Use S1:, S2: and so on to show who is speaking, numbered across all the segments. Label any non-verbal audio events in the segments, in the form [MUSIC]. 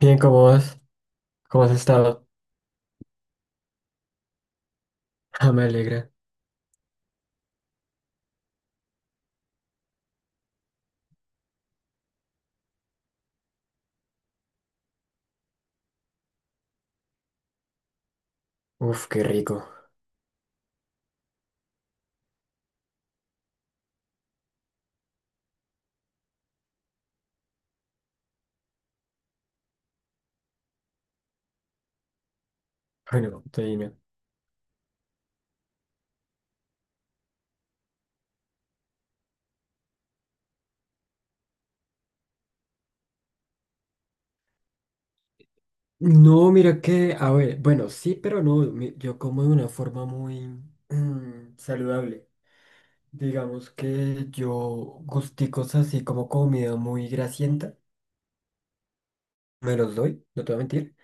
S1: Bien, ¿cómo vas? ¿Cómo has estado? Ah, me alegra. Uf, qué rico. Bueno, te dime. No, mira que, a ver, bueno, sí, pero no, yo como de una forma muy saludable. Digamos que yo gusticos así como comida muy grasienta, me los doy, no te voy a mentir,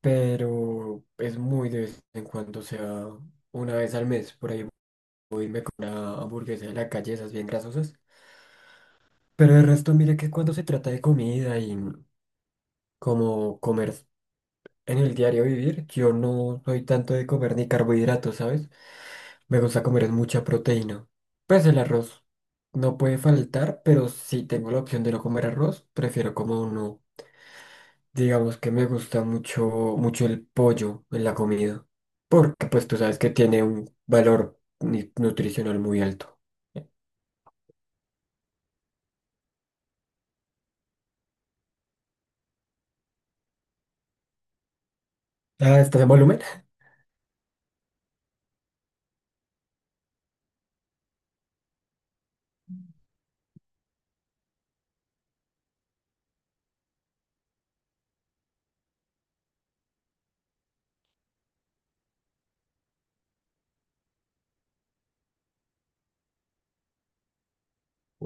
S1: pero es muy de vez en cuando, o sea, una vez al mes, por ahí una hamburguesa de la calle, esas bien grasosas. Pero el resto, mira que cuando se trata de comida y como comer en el diario vivir, yo no soy tanto de comer ni carbohidratos, ¿sabes? Me gusta comer es mucha proteína. Pues el arroz no puede faltar, pero si tengo la opción de no comer arroz, prefiero como uno. Digamos que me gusta mucho, mucho el pollo en la comida, porque pues tú sabes que tiene un valor nutricional muy alto. Ah, ¿estás en volumen?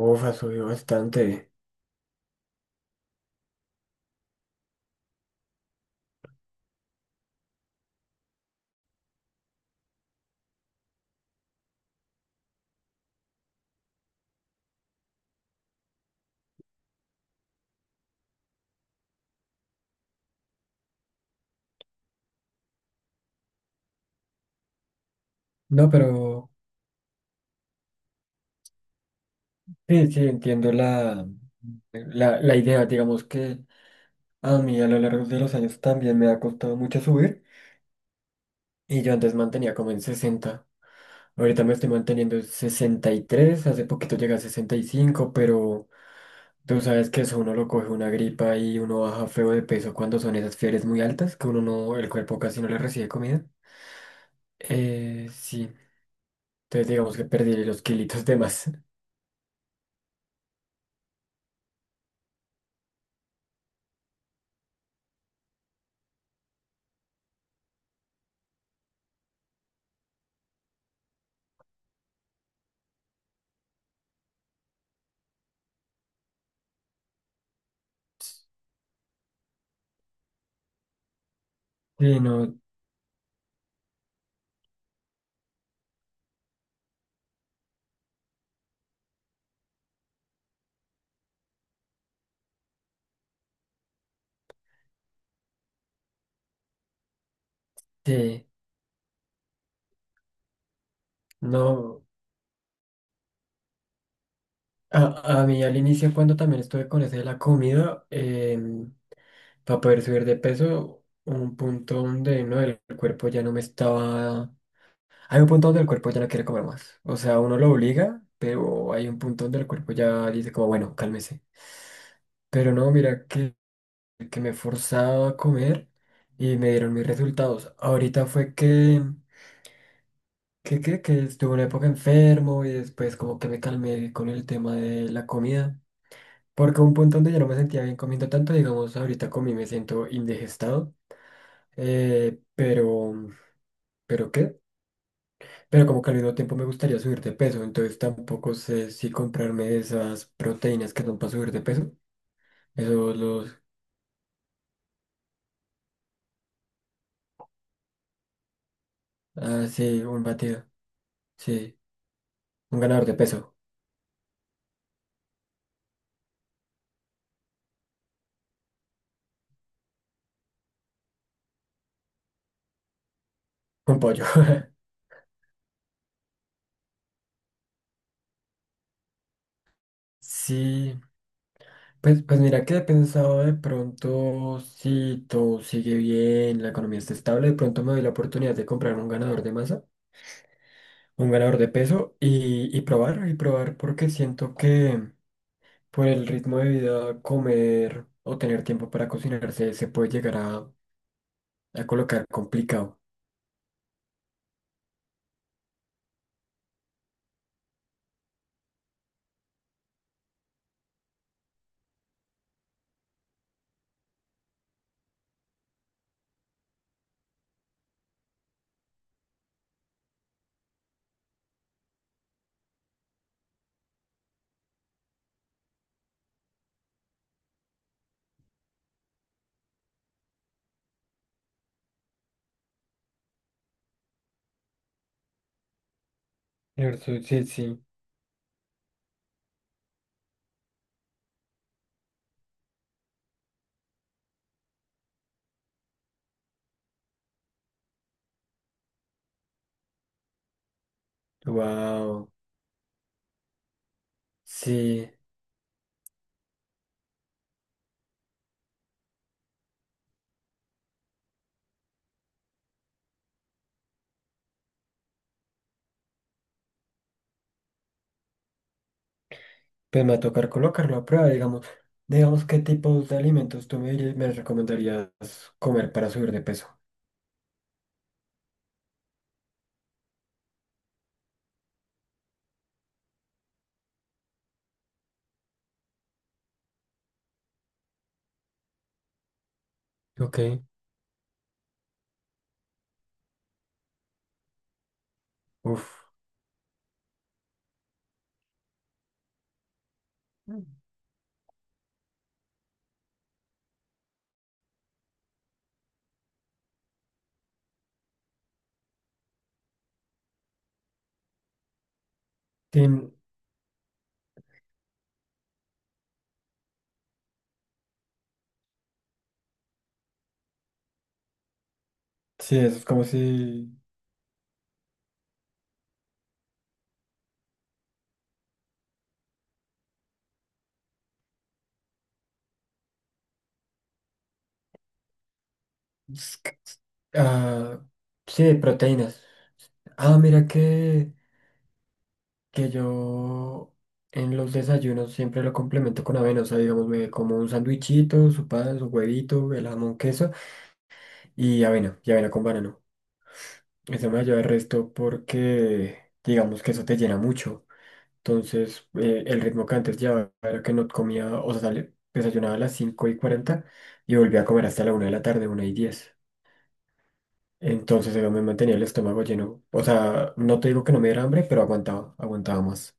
S1: Uf, ha subido bastante. No, pero sí, sí, entiendo la idea, digamos que... A mí a lo largo de los años también me ha costado mucho subir y yo antes mantenía como en 60. Ahorita me estoy manteniendo en 63. Hace poquito llegué a 65, pero tú sabes que eso uno lo coge una gripa y uno baja feo de peso cuando son esas fiebres muy altas que uno no, el cuerpo casi no le recibe comida. Sí, entonces digamos que perdí los kilitos de más. [LAUGHS] Sí, no, sí, no. A mí al inicio cuando también estuve con ese de la comida, para poder subir de peso, un punto donde no, el cuerpo ya no me estaba... Hay un punto donde el cuerpo ya no quiere comer más. O sea, uno lo obliga, pero hay un punto donde el cuerpo ya dice como, bueno, cálmese. Pero no, mira que, me forzaba a comer y me dieron mis resultados. Ahorita fue que, estuve una época enfermo y después como que me calmé con el tema de la comida. Porque hubo un punto donde yo no me sentía bien comiendo tanto, digamos, ahorita comí, me siento indigestado. Pero pero qué, pero como que al mismo tiempo me gustaría subir de peso, entonces tampoco sé si comprarme esas proteínas que son para subir de peso. Eso los, ah, sí, un batido, sí, un ganador de peso, un pollo. [LAUGHS] Sí, pues mira que he pensado de pronto, si todo sigue bien, la economía está estable, de pronto me doy la oportunidad de comprar un ganador de masa, un ganador de peso y, probar, y probar porque siento que por el ritmo de vida, comer o tener tiempo para cocinarse se puede llegar a colocar complicado. ¿Cierto? Sí, sí. Wow. Sí, pues me va a tocar colocarlo a prueba, digamos. Digamos, ¿qué tipos de alimentos tú me recomendarías comer para subir de peso? Ok. Uf. Sí, sí, eso es como si... es que- Ah, sí, proteínas. Ah, mira que yo en los desayunos siempre lo complemento con avena. O sea, digamos, me como un sandwichito, su pan, su huevito, el jamón, queso y avena con banano. Eso me ayuda el resto porque, digamos que eso te llena mucho. Entonces, el ritmo que antes llevaba era que no comía, o sea, desayunaba a las 5:40 y volvía a comer hasta la una de la tarde, 1:10. Entonces, eso me mantenía el estómago lleno. O sea, no te digo que no me diera hambre, pero aguantaba, aguantaba más.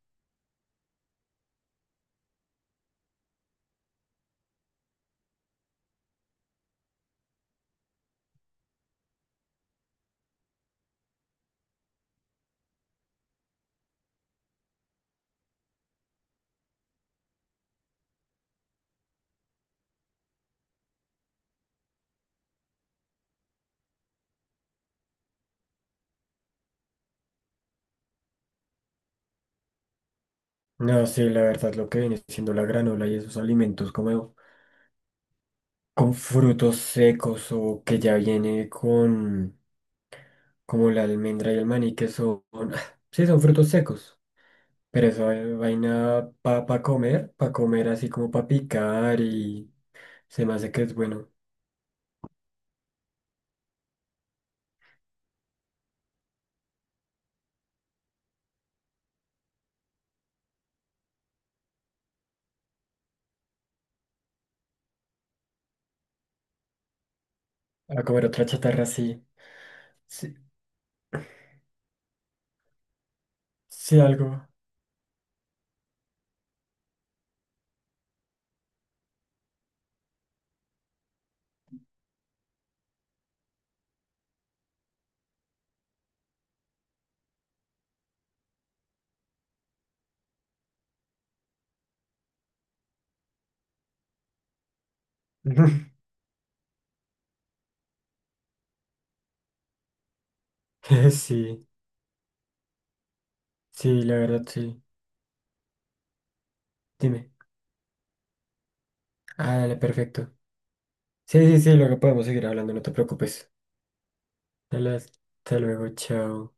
S1: No, sí, la verdad, lo que viene siendo la granola y esos alimentos como con frutos secos o que ya viene con como la almendra y el maní, que son, [LAUGHS] sí, son frutos secos, pero esa vaina para comer así como para picar y se me hace que es bueno. A comer otra chatarra, sí, sí, sí, algo. [LAUGHS] [LAUGHS] Sí, sí, la verdad, sí. Dime. Ah, dale, perfecto. Sí, sí, sí, luego podemos seguir hablando, no te preocupes. Hasta hasta luego, chao.